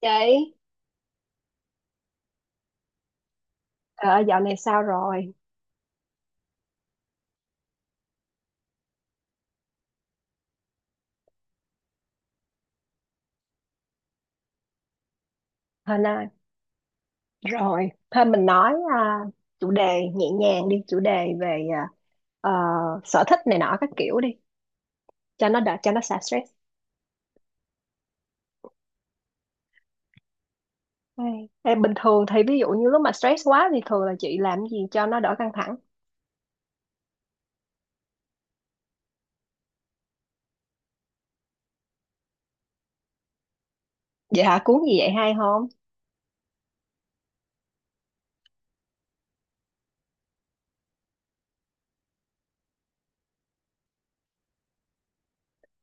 Chị, ờ, dạo này sao rồi? Hên ơi, rồi, thôi mình nói à, chủ đề nhẹ nhàng đi, chủ đề về ờ, sở thích này nọ các kiểu đi, cho nó đỡ, cho nó xả stress. Ê, ê, bình thường thì ví dụ như lúc mà stress quá thì thường là chị làm gì cho nó đỡ căng thẳng? Vậy hả, cuốn gì vậy hay không?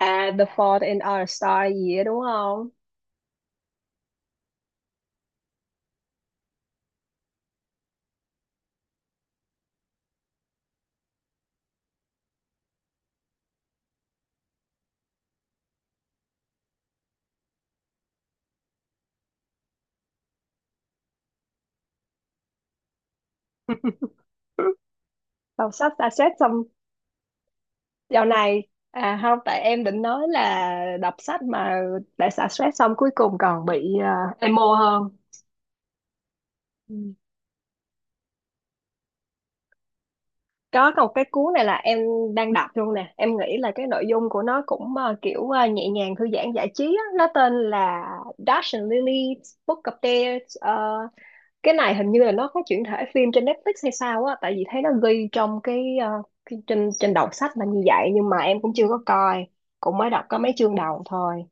À, The Fault in Our Stars gì đó đúng không? Đọc sách xả stress xong. Dạo này, à không, tại em định nói là đọc sách mà đã xả stress xong cuối cùng còn bị emo hơn. Ừ. Có một cái cuốn này là em đang đọc luôn nè, em nghĩ là cái nội dung của nó cũng kiểu nhẹ nhàng, thư giãn, giải trí á. Nó tên là Dash and Lily's Book of Dares. Ờ, cái này hình như là nó có chuyển thể phim trên Netflix hay sao á, tại vì thấy nó ghi trong cái, cái trên trên đầu sách là như vậy, nhưng mà em cũng chưa có coi, cũng mới đọc có mấy chương đầu thôi.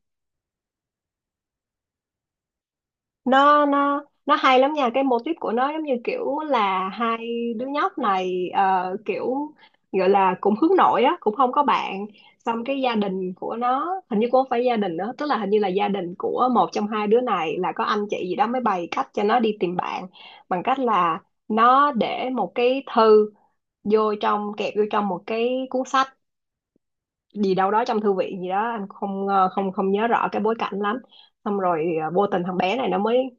Nó hay lắm nha, cái mô típ của nó giống như kiểu là hai đứa nhóc này kiểu gọi là cũng hướng nội á, cũng không có bạn. Xong cái gia đình của nó hình như cũng không phải gia đình nữa, tức là hình như là gia đình của một trong hai đứa này là có anh chị gì đó, mới bày cách cho nó đi tìm bạn bằng cách là nó để một cái thư vô trong, kẹp vô trong một cái cuốn sách gì đâu đó trong thư viện gì đó. Anh không ờ, không không nhớ rõ cái bối cảnh lắm. Xong rồi vô tình thằng bé này nó mới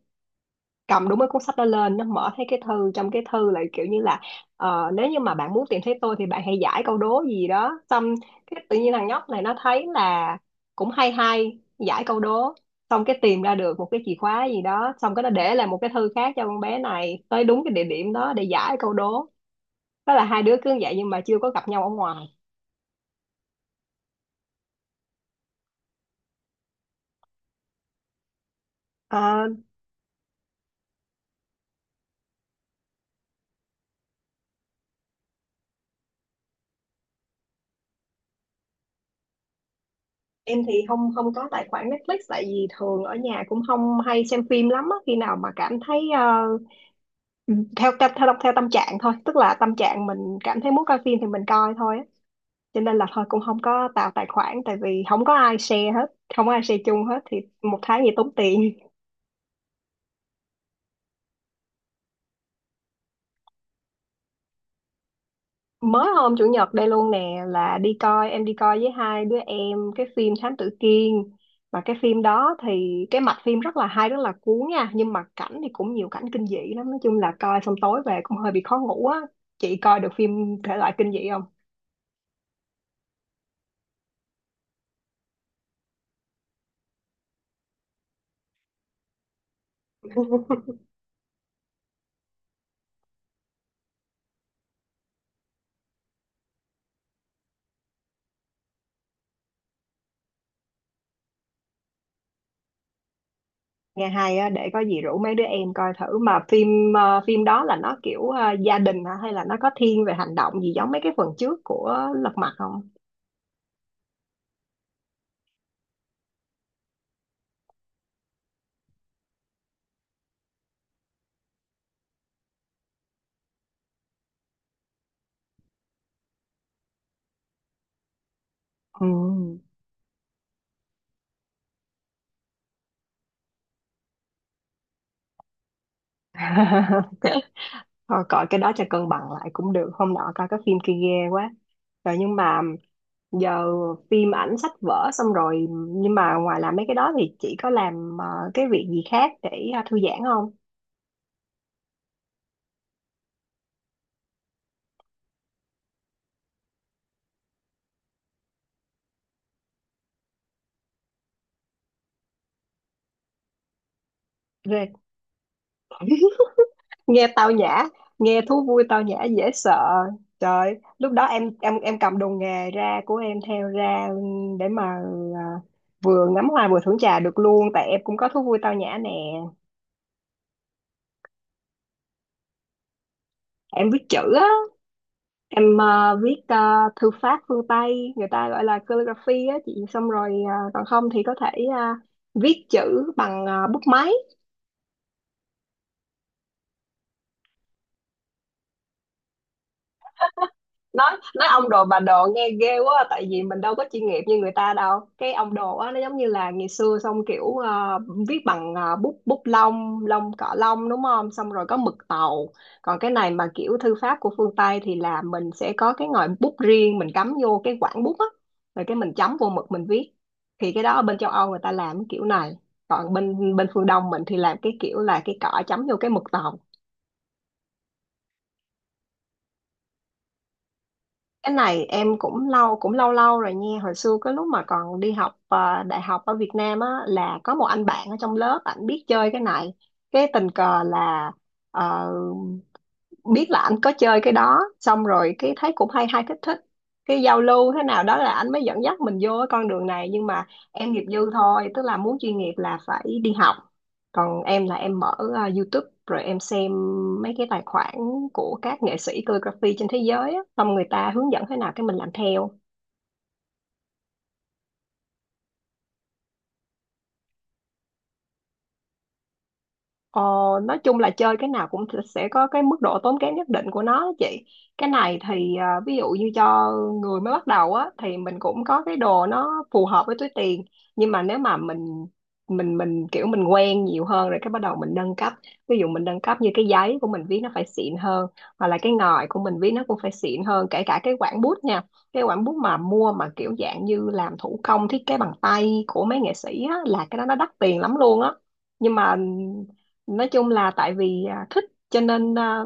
cầm đúng cái cuốn sách đó lên, nó mở thấy cái thư, trong cái thư lại kiểu như là nếu như mà bạn muốn tìm thấy tôi thì bạn hãy giải câu đố gì đó. Xong cái tự nhiên thằng nhóc này nó thấy là cũng hay hay, giải câu đố xong cái tìm ra được một cái chìa khóa gì đó, xong cái nó để lại một cái thư khác cho con bé này tới đúng cái địa điểm đó để giải câu đố. Đó là hai đứa cứ như vậy nhưng mà chưa có gặp nhau ở ngoài. Ờ, em thì không không có tài khoản Netflix, tại vì thường ở nhà cũng không hay xem phim lắm á. Khi nào mà cảm thấy Ừ, theo theo theo theo tâm trạng thôi, tức là tâm trạng mình cảm thấy muốn coi phim thì mình coi thôi á. Cho nên là thôi cũng không có tạo tài khoản, tại vì không có ai share hết, không có ai share chung hết thì một tháng gì tốn tiền. Mới hôm chủ nhật đây luôn nè là đi coi, em đi coi với hai đứa em cái phim Thám Tử Kiên. Và cái phim đó thì cái mạch phim rất là hay, rất là cuốn nha, nhưng mà cảnh thì cũng nhiều cảnh kinh dị lắm, nói chung là coi xong tối về cũng hơi bị khó ngủ á. Chị coi được phim thể loại kinh dị không? Nghe hay á, để có gì rủ mấy đứa em coi thử. Mà phim đó là nó kiểu gia đình hả, hay là nó có thiên về hành động gì giống mấy cái phần trước của Lật Mặt không? Ừ. Thôi coi cái đó cho cân bằng lại cũng được, hôm nọ coi cái phim kia ghê quá rồi. Nhưng mà giờ phim ảnh, sách vở xong rồi, nhưng mà ngoài làm mấy cái đó thì chị có làm cái việc gì khác để thư giãn không? Ghê. Nghe tao nhã, nghe thú vui tao nhã dễ sợ. Trời, lúc đó em em cầm đồ nghề ra, của em theo ra, để mà à, vừa ngắm hoa vừa thưởng trà được luôn, tại em cũng có thú vui tao nhã nè. Em viết chữ á, em viết thư pháp phương Tây, người ta gọi là calligraphy á chị, xong rồi còn không thì có thể viết chữ bằng bút máy. Nói nói ông đồ bà đồ nghe ghê quá, tại vì mình đâu có chuyên nghiệp như người ta đâu. Cái ông đồ á nó giống như là ngày xưa, xong kiểu viết bằng bút bút lông lông cọ lông đúng không, xong rồi có mực tàu. Còn cái này mà kiểu thư pháp của phương Tây thì là mình sẽ có cái ngòi bút riêng, mình cắm vô cái quảng bút á, rồi cái mình chấm vô mực mình viết. Thì cái đó ở bên châu Âu người ta làm cái kiểu này, còn bên bên phương Đông mình thì làm cái kiểu là cái cọ chấm vô cái mực tàu. Cái này em cũng lâu, cũng lâu lâu rồi nha. Hồi xưa cái lúc mà còn đi học đại học ở Việt Nam á là có một anh bạn ở trong lớp, ảnh biết chơi cái này. Cái tình cờ là ờ, biết là anh có chơi cái đó, xong rồi cái thấy cũng hay hay, thích thích, cái giao lưu thế nào đó là anh mới dẫn dắt mình vô cái con đường này. Nhưng mà em nghiệp dư thôi, tức là muốn chuyên nghiệp là phải đi học. Còn em là em mở YouTube rồi em xem mấy cái tài khoản của các nghệ sĩ calligraphy trên thế giới á, xong người ta hướng dẫn thế nào cái mình làm theo. Ờ, nói chung là chơi cái nào cũng sẽ có cái mức độ tốn kém nhất định của nó đó chị. Cái này thì ví dụ như cho người mới bắt đầu á thì mình cũng có cái đồ nó phù hợp với túi tiền. Nhưng mà nếu mà mình kiểu mình quen nhiều hơn rồi cái bắt đầu mình nâng cấp. Ví dụ mình nâng cấp như cái giấy của mình viết nó phải xịn hơn, hoặc là cái ngòi của mình viết nó cũng phải xịn hơn, kể cả cái quản bút nha. Cái quản bút mà mua mà kiểu dạng như làm thủ công, thiết kế bằng tay của mấy nghệ sĩ á, là cái đó nó đắt tiền lắm luôn á. Nhưng mà nói chung là tại vì thích cho nên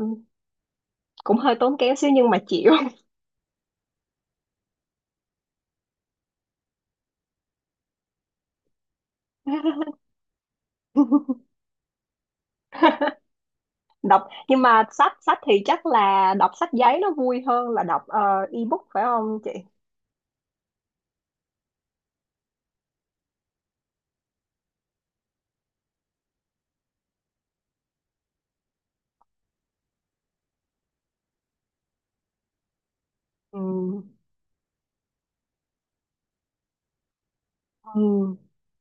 cũng hơi tốn kém xíu nhưng mà chịu. Đọc nhưng mà sách sách thì chắc là đọc sách giấy nó vui hơn là đọc ebook phải không chị? Ừ. Ừ.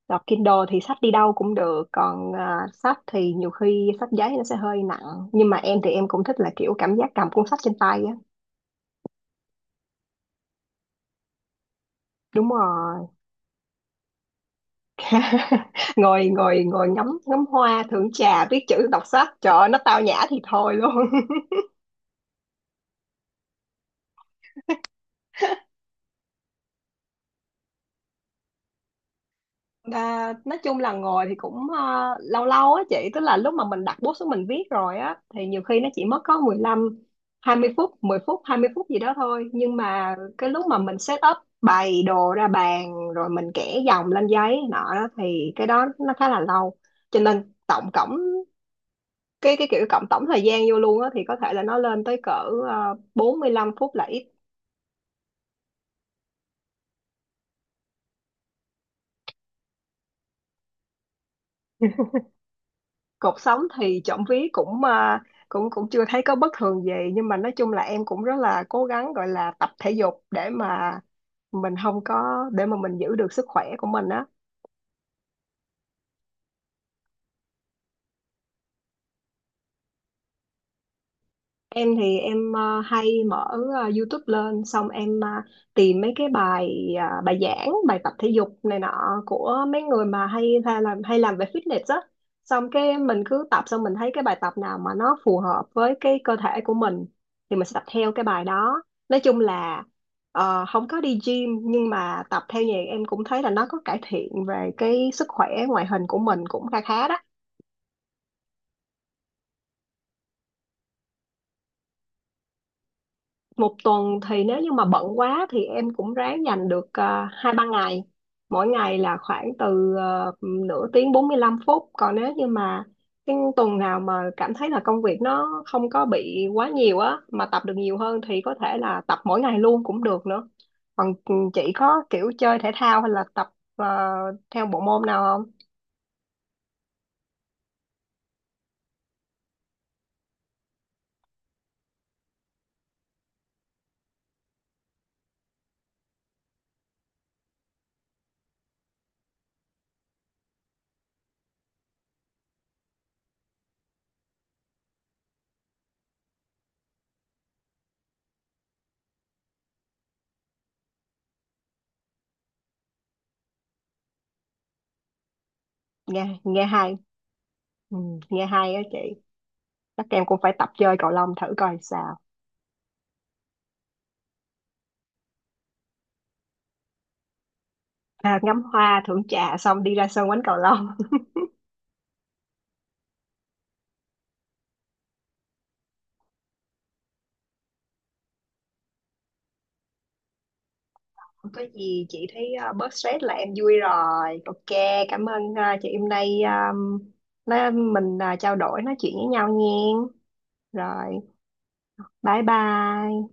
Đọc Kindle thì sách đi đâu cũng được, còn sách thì nhiều khi sách giấy nó sẽ hơi nặng, nhưng mà em thì em cũng thích là kiểu cảm giác cầm cuốn sách trên tay á. Đúng rồi. ngồi ngồi ngồi ngắm ngắm hoa, thưởng trà, viết chữ, đọc sách, trời ơi, nó tao nhã thì thôi luôn. À, nói chung là ngồi thì cũng lâu lâu á chị, tức là lúc mà mình đặt bút xuống mình viết rồi á thì nhiều khi nó chỉ mất có 15 20 phút, 10 phút 20 phút gì đó thôi, nhưng mà cái lúc mà mình set up bày đồ ra bàn rồi mình kẻ dòng lên giấy nọ đó thì cái đó nó khá là lâu. Cho nên tổng cộng cái kiểu cộng tổng thời gian vô luôn á thì có thể là nó lên tới cỡ 45 phút là ít. Cột sống thì trộm vía cũng à, cũng cũng chưa thấy có bất thường gì, nhưng mà nói chung là em cũng rất là cố gắng gọi là tập thể dục để mà mình không có, để mà mình giữ được sức khỏe của mình á. Em thì em hay mở YouTube lên, xong em tìm mấy cái bài giảng, bài tập thể dục này nọ của mấy người mà hay hay làm về fitness á. Xong cái mình cứ tập, xong mình thấy cái bài tập nào mà nó phù hợp với cái cơ thể của mình thì mình sẽ tập theo cái bài đó. Nói chung là không có đi gym nhưng mà tập theo nhạc em cũng thấy là nó có cải thiện về cái sức khỏe, ngoại hình của mình cũng khá khá đó. Một tuần thì nếu như mà bận quá thì em cũng ráng dành được hai ba ngày, mỗi ngày là khoảng từ nửa tiếng, 45 phút, còn nếu như mà cái tuần nào mà cảm thấy là công việc nó không có bị quá nhiều á mà tập được nhiều hơn thì có thể là tập mỗi ngày luôn cũng được nữa. Còn chị có kiểu chơi thể thao hay là tập à, theo bộ môn nào không? Nghe nghe hay. ừ, nghe hay á chị, chắc em cũng phải tập chơi cầu lông thử coi sao. Ngắm hoa thưởng trà xong đi ra sân quánh cầu lông. Không có gì chị, thấy bớt stress là em vui rồi. Ok, cảm ơn chị hôm nay nói, mình trao đổi nói chuyện với nhau nha. Rồi, bye bye.